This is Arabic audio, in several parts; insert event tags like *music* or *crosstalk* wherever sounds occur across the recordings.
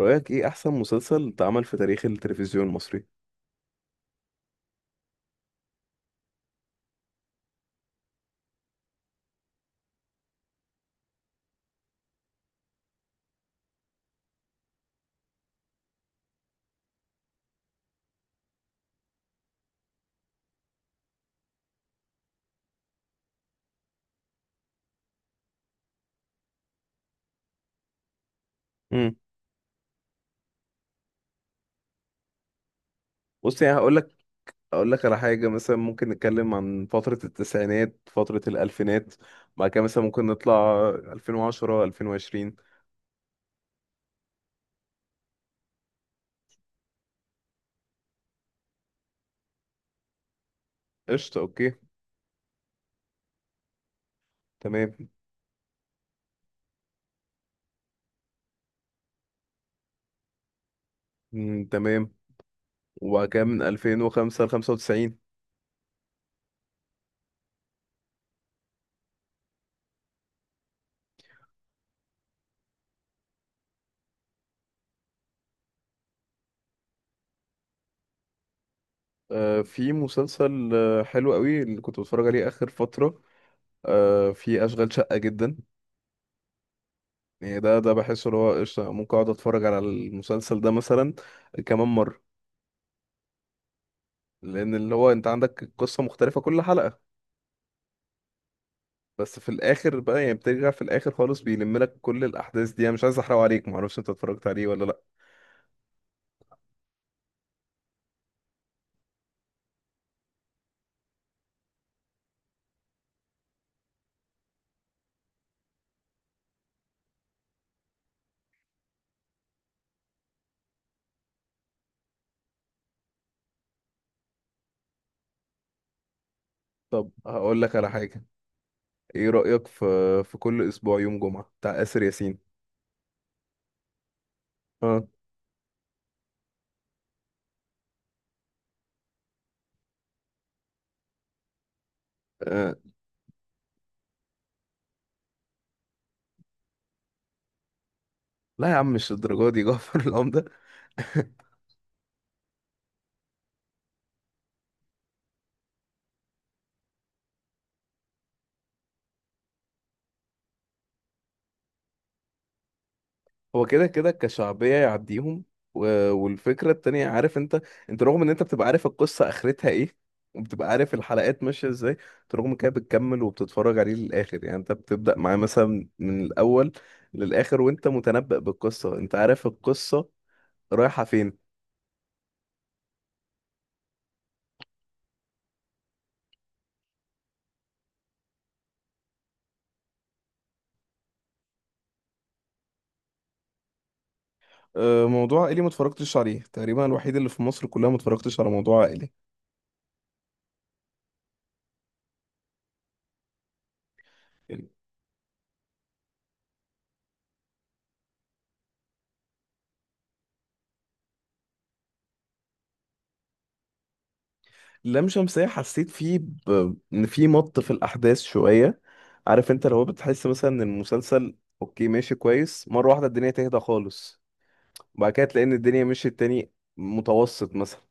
رأيك ايه احسن مسلسل اتعمل في تاريخ التلفزيون المصري؟ امم. بص، يعني هقول لك اقول لك على حاجة، مثلا ممكن نتكلم عن فترة التسعينات، فترة الألفينات. بعد كده مثلا ممكن نطلع 2010، 2020. قشطة، اوكي، تمام. مم، تمام. وبعد كده من 2005 ل 95. في مسلسل حلو قوي اللي كنت بتفرج عليه آخر فترة. في أشغال شقة جدا. يعني ده بحس اللي هو قشطة، ممكن أقعد أتفرج على المسلسل ده مثلا كمان مرة. لان اللي هو انت عندك القصه مختلفه كل حلقه، بس في الاخر بقى يعني بترجع في الاخر خالص بيلم لك كل الاحداث دي. انا مش عايز احرق عليك، معرفش انت اتفرجت عليه ولا لا. طب هقول لك على حاجه، ايه رايك في في كل اسبوع يوم جمعه بتاع آسر ياسين؟ اه. آه. لا يا عم، مش الدرجه دي جعفر العمده. *laughs* هو كده كده كشعبية يعديهم. و... والفكرة التانية، عارف انت، انت رغم ان انت بتبقى عارف القصة اخرتها ايه، وبتبقى عارف الحلقات ماشية ازاي، انت رغم كده بتكمل وبتتفرج عليه للآخر. يعني انت بتبدأ معاه مثلا من الأول للآخر وانت متنبأ بالقصة، انت عارف القصة رايحة فين. موضوع عائلي ما اتفرجتش عليه تقريبا، الوحيد اللي في مصر كلها ما اتفرجتش على موضوع عائلي. لام شمسية حسيت فيه ان في الاحداث شوية. عارف انت، لو بتحس مثلا ان المسلسل اوكي ماشي كويس مرة واحدة الدنيا تهدى خالص، وبعد كده تلاقي ان الدنيا مشيت تاني متوسط مثلا.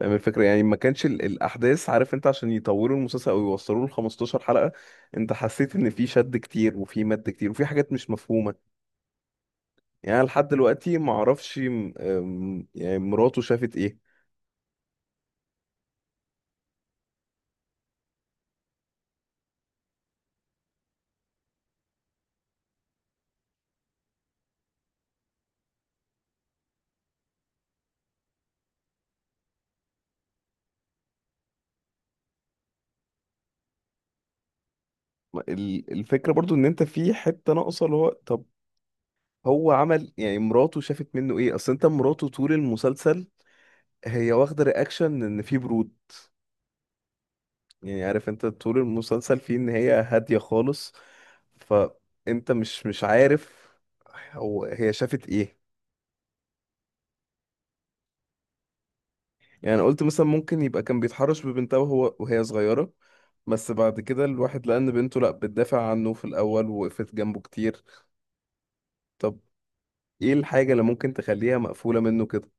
فاهم الفكرة، يعني ما كانش الاحداث، عارف انت، عشان يطولوا المسلسل او يوصلوا ل 15 حلقة. انت حسيت ان في شد كتير وفي مد كتير وفي حاجات مش مفهومة. يعني أنا لحد دلوقتي ما اعرفش يعني مراته شافت ايه. الفكرة برضو ان انت في حتة ناقصة، اللي هو طب هو عمل يعني مراته شافت منه ايه؟ اصل انت مراته طول المسلسل هي واخده رياكشن ان في برود. يعني عارف انت، طول المسلسل فيه ان هي هاديه خالص. فانت مش عارف هي شافت ايه. يعني انا قلت مثلا ممكن يبقى كان بيتحرش ببنتها وهي صغيره. بس بعد كده الواحد لقى ان بنته لا، بتدافع عنه في الاول ووقفت جنبه كتير. طب ايه الحاجه اللي ممكن تخليها مقفوله منه كده؟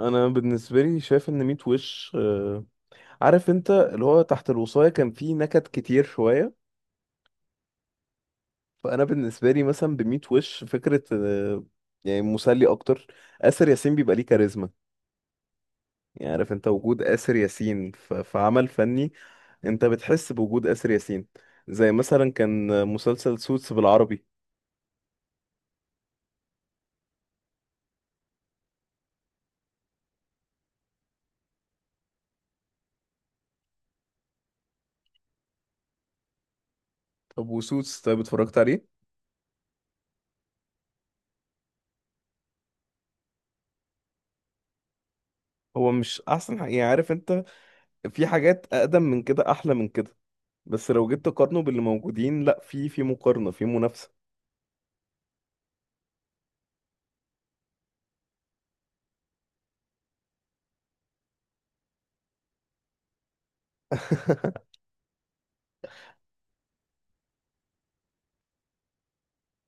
انا بالنسبه لي شايف ان ميت وش عارف انت، اللي هو تحت الوصاية كان فيه نكت كتير شوية. فأنا بالنسبة لي مثلا بميت وش فكرة، يعني مسلي أكتر. آسر ياسين بيبقى ليه كاريزما، يعني عارف انت وجود آسر ياسين في عمل فني انت بتحس بوجود آسر ياسين، زي مثلا كان مسلسل سوتس بالعربي. طب وسوتس طيب اتفرجت عليه؟ هو مش أحسن حاجة، يعني عارف انت، في حاجات أقدم من كده أحلى من كده، بس لو جيت تقارنه باللي موجودين لا في مقارنة في منافسة.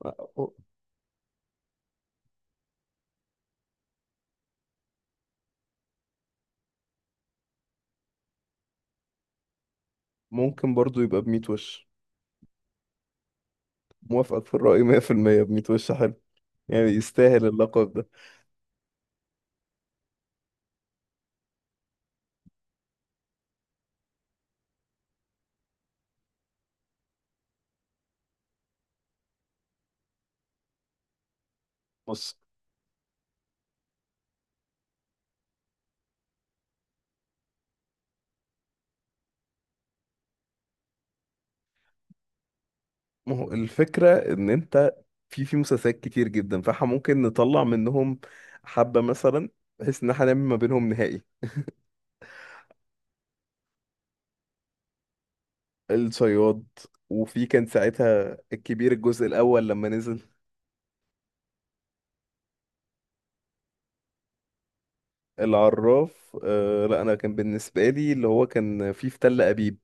*laughs* ممكن برضو يبقى بميت وش. موافقك في الرأي 100%. بميت وش حلو، يعني يستاهل اللقب ده. بص، ما هو الفكرة ان انت في مسلسلات كتير جدا، فاحنا ممكن نطلع منهم حبة مثلا بحيث ان احنا نعمل ما بينهم نهائي. الصياد. وفي كان ساعتها الكبير الجزء الاول لما نزل. العراف. لا انا كان بالنسبة لي اللي هو كان فيه في تل ابيب.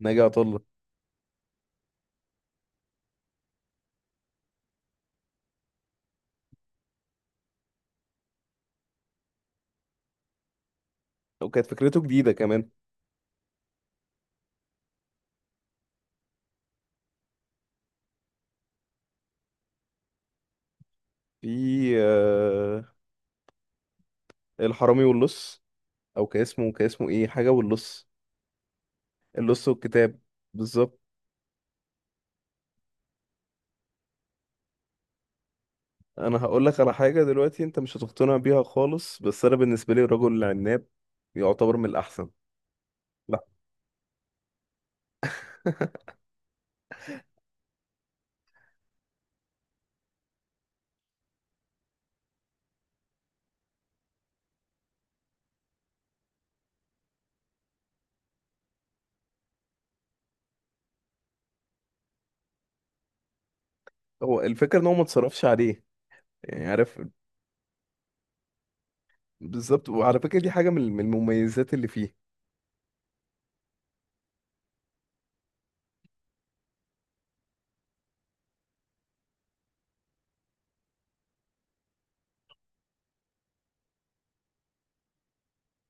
ناجي عطا الله، وكانت فكرته جديدة كمان. في آه الحرامي واللص، او كان اسمه ايه، حاجه واللص. اللص والكتاب، بالظبط. انا هقول لك على حاجه دلوقتي انت مش هتقتنع بيها خالص، بس انا بالنسبه لي الرجل العناب يعتبر من الاحسن. لا. *laughs* هو الفكره ان هو ما اتصرفش عليه يعني عارف. بالظبط، وعلى فكره دي حاجه من المميزات اللي فيه.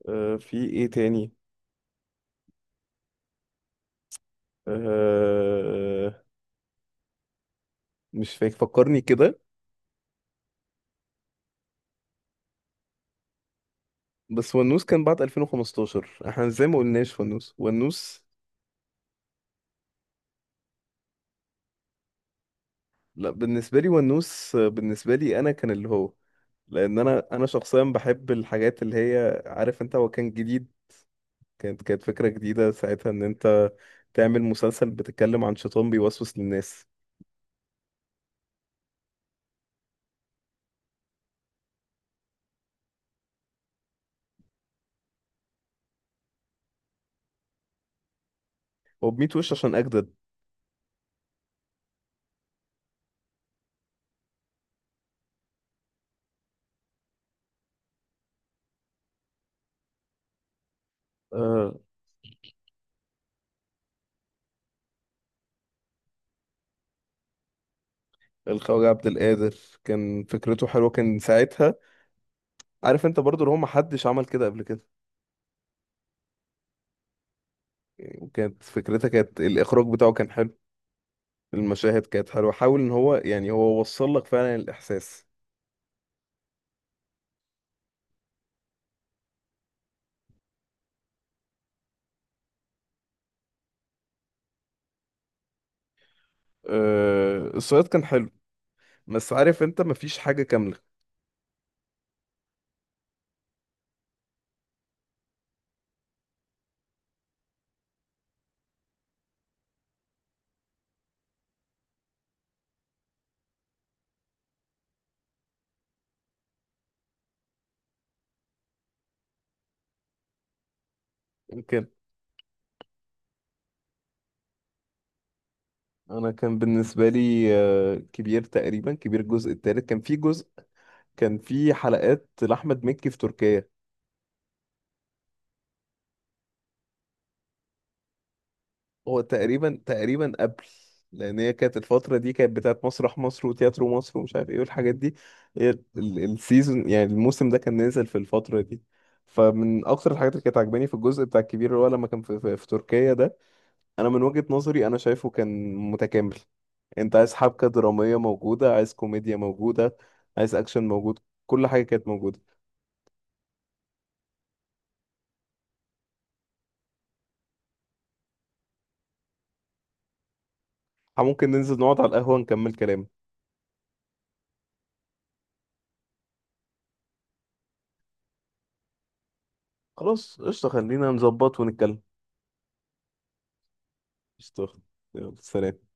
في ايه تاني؟ آه مش فاكر، فكرني كده. بس ونوس كان بعد 2015، احنا زي ما قلناش، ونوس ونوس. لا بالنسبه لي ونوس. بالنسبه لي انا كان اللي هو، لان انا شخصيا بحب الحاجات اللي هي، عارف انت، هو كان جديد. كانت فكرة جديدة ساعتها، ان انت تعمل مسلسل بتتكلم عن شيطان بيوسوس للناس. وبميت وش عشان اجدد. آه الخواجة عبد القادر كان فكرته حلوه كان ساعتها، عارف انت، برضو اللي هو محدش عمل كده قبل كده. يعني وكانت فكرتها، كانت الاخراج بتاعه كان حلو، المشاهد كانت حلوه، حاول ان هو، يعني هو وصل لك فعلا الاحساس. الصياد كان حلو، بس عارف انت، مفيش حاجه كامله. يمكن. انا كان بالنسبه لي كبير، تقريبا كبير الجزء الثالث، كان في جزء كان في حلقات لاحمد مكي في تركيا. هو تقريبا قبل، لان هي كانت الفتره دي كانت بتاعت مسرح مصر وتياترو مصر ومش عارف ايه والحاجات دي. هي السيزون، يعني الموسم ده كان نازل في الفتره دي. فمن اكتر الحاجات اللي كانت عجباني في الجزء بتاع الكبير، اللي هو لما كان في تركيا ده، انا من وجهة نظري انا شايفه كان متكامل. انت عايز حبكة درامية موجودة، عايز كوميديا موجودة، عايز اكشن موجود، كل حاجة كانت موجودة. ممكن ننزل نقعد على القهوة نكمل كلام. خلاص قشطة، خلينا نظبط ونتكلم. قشطة. يلا سلام.